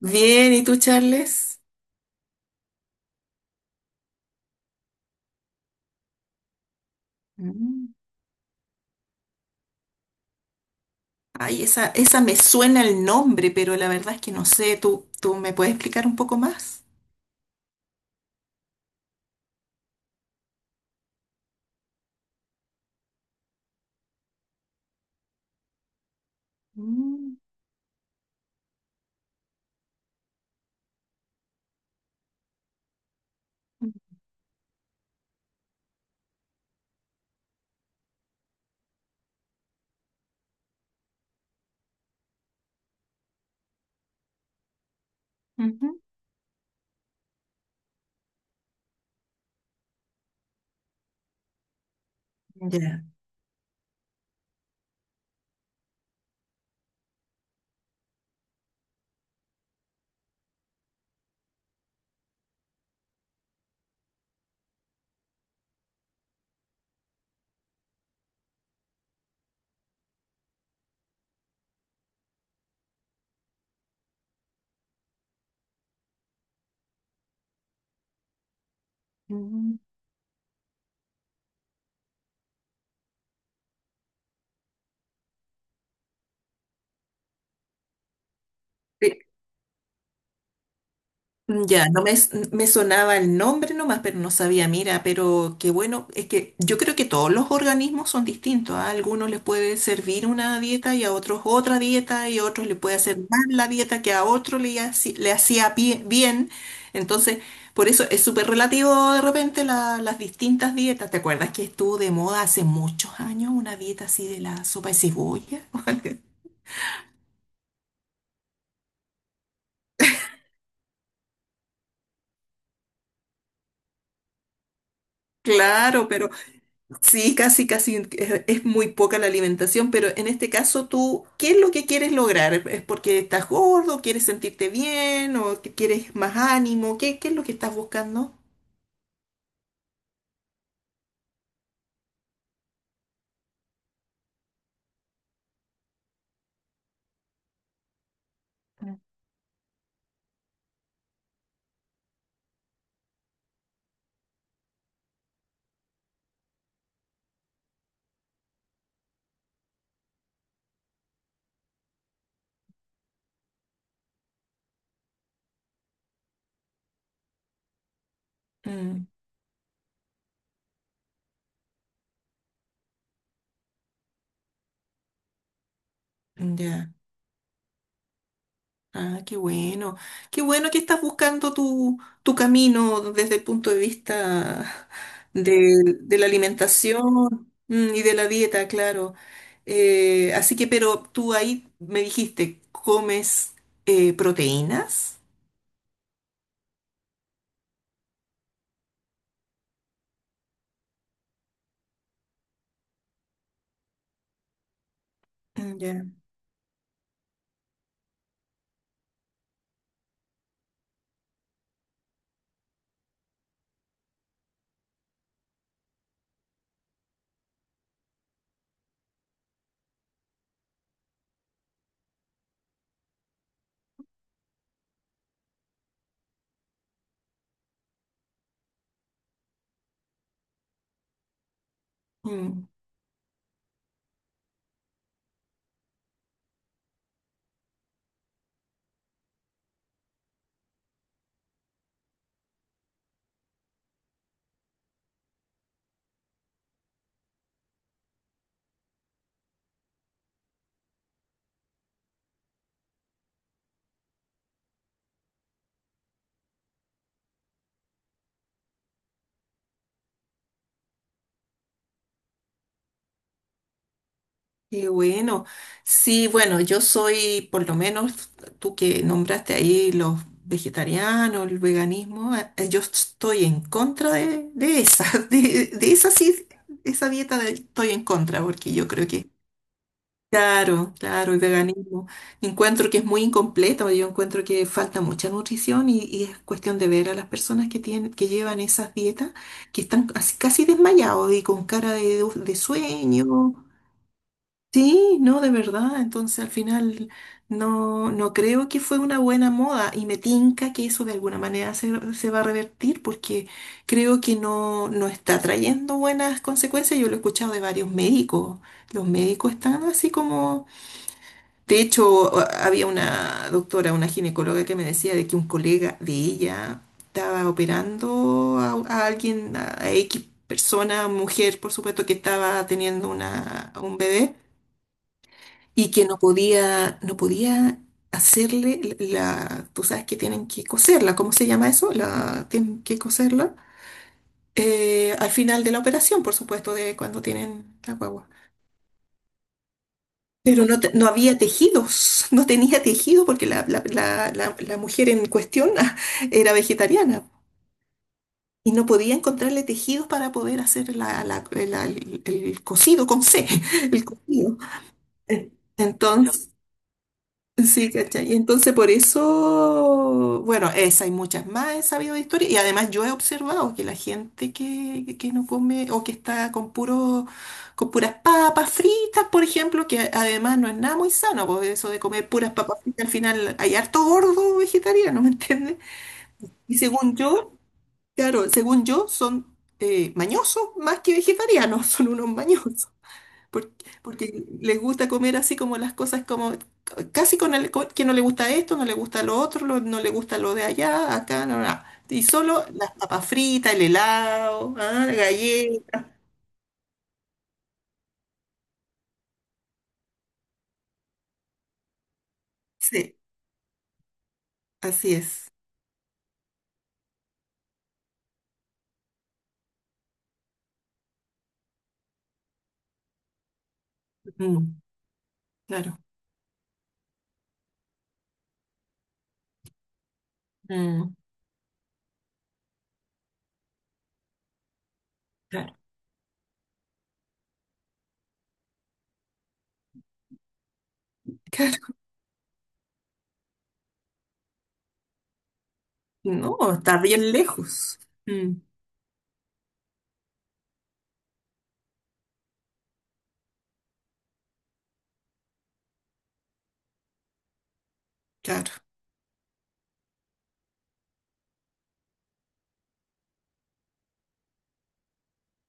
Bien, ¿y tú, Charles? Mm. Ay, esa me suena el nombre, pero la verdad es que no sé. ¿Tú me puedes explicar un poco más? Mm. Ujú. Ya. Mm. Sí. Ya, no me, s- me sonaba el nombre nomás, pero no sabía, mira, pero qué bueno, es que yo creo que todos los organismos son distintos, ¿ah? A algunos les puede servir una dieta y a otros otra dieta y a otros le puede hacer mal la dieta que a otro le hacía bien. Entonces, por eso es súper relativo de repente las distintas dietas. ¿Te acuerdas que estuvo de moda hace muchos años una dieta así de la sopa de cebolla? Claro, pero Sí, casi, casi es muy poca la alimentación, pero en este caso tú, ¿qué es lo que quieres lograr? ¿Es porque estás gordo, quieres sentirte bien o que quieres más ánimo? ¿Qué es lo que estás buscando? Mm. Ya. Ah, qué bueno. Qué bueno que estás buscando tu, tu camino desde el punto de vista de la alimentación, y de la dieta, claro. Así que, pero tú ahí me dijiste, ¿comes proteínas? Mm. Ya. Mm. Qué bueno. Sí, bueno, por lo menos tú que nombraste ahí los vegetarianos, el veganismo, yo estoy en contra de esa, de esa sí, esa dieta estoy en contra, porque yo creo que, claro, claro, el veganismo, encuentro que es muy incompleto, yo encuentro que falta mucha nutrición y es cuestión de ver a las personas que llevan esas dietas, que están casi casi desmayados y con cara de sueño. Sí, no, de verdad. Entonces, al final, no creo que fue una buena moda y me tinca que eso de alguna manera se va a revertir porque creo que no está trayendo buenas consecuencias. Yo lo he escuchado de varios médicos. Los médicos están así como... De hecho, había una doctora, una ginecóloga que me decía de que un colega de ella estaba operando a alguien, a X persona, mujer, por supuesto, que estaba teniendo un bebé y que no podía hacerle la, tú sabes que tienen que coserla, ¿cómo se llama eso? La, tienen que coserla al final de la operación, por supuesto, de cuando tienen la guagua. Pero no, no había tejidos, no tenía tejido porque la, la mujer en cuestión era vegetariana y no podía encontrarle tejidos para poder hacer el cosido con C, el cosido. Eh, Entonces, sí, ¿cachai? Entonces, por eso, bueno, esa y muchas más he sabido de historia. Y además yo he observado que la gente que no come o que está con puras papas fritas, por ejemplo, que además no es nada muy sano, porque eso de comer puras papas fritas, al final hay harto gordo vegetariano, ¿me entiendes? Y según yo, claro, según yo son mañosos más que vegetarianos, son unos mañosos por- porque, les gusta comer así como las cosas como casi que no le gusta esto, no le gusta lo otro, no le gusta lo de allá, acá, no, no, no. Y solo las papas fritas, el helado, ah, la galleta. Sí, así es. Mm, claro. Mm, claro. Claro. No, está bien lejos. Mm, claro.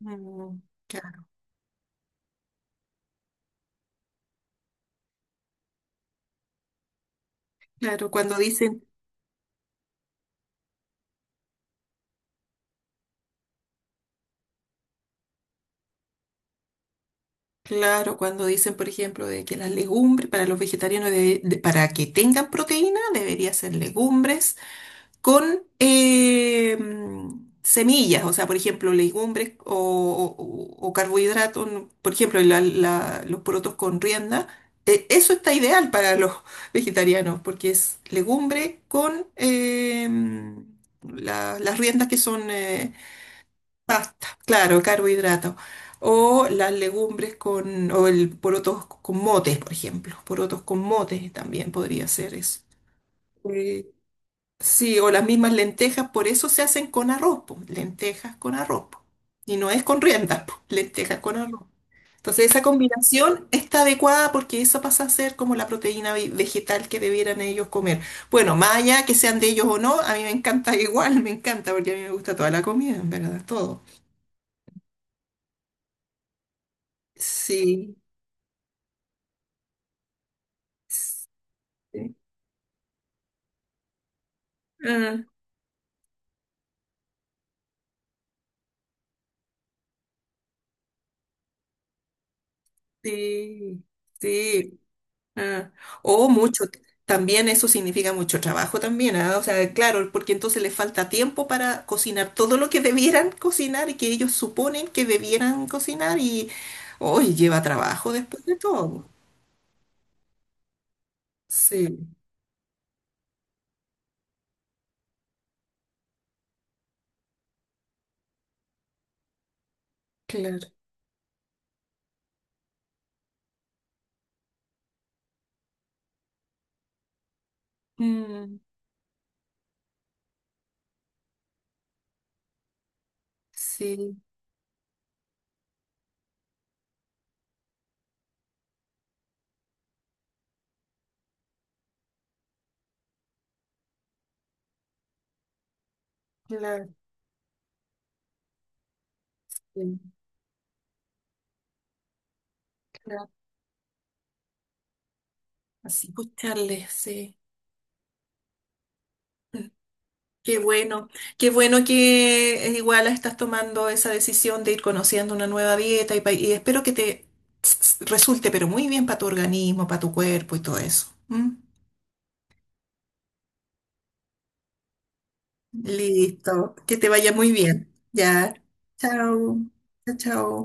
Mm, claro. Claro, cuando dicen, claro, cuando dicen, por ejemplo, de que las legumbres para los vegetarianos, para que tengan proteína, debería ser legumbres con semillas, o sea, por ejemplo, legumbres o, o carbohidratos, ¿no? Por ejemplo, los porotos con rienda, eso está ideal para los vegetarianos, porque es legumbre con las riendas que son pasta, claro, carbohidratos. O las legumbres con, o el porotos con motes, por ejemplo. Porotos con motes también podría ser eso. Eh, Sí, o las mismas lentejas, por eso se hacen con arroz, po, lentejas con arroz, po. Y no es con riendas, po, lentejas con arroz. Entonces esa combinación está adecuada porque esa pasa a ser como la proteína vegetal que debieran ellos comer. Bueno, más allá que sean de ellos o no, a mí me encanta igual, me encanta porque a mí me gusta toda la comida, en verdad, todo. Sí, sí, ah, sí, sí. Ah, o mucho, también eso significa mucho trabajo también, ah. O sea, claro, porque entonces les falta tiempo para cocinar todo lo que debieran cocinar y que ellos suponen que debieran cocinar y hoy lleva trabajo después de todo. Sí, claro. Mm, sí, claro, sí, claro. Así escucharles, sí. Qué bueno, qué bueno que igual estás tomando esa decisión de ir conociendo una nueva dieta y espero que te resulte, pero muy bien para tu organismo, para tu cuerpo y todo eso. ¿M? Listo, que te vaya muy bien. Ya, chao, chao, chao.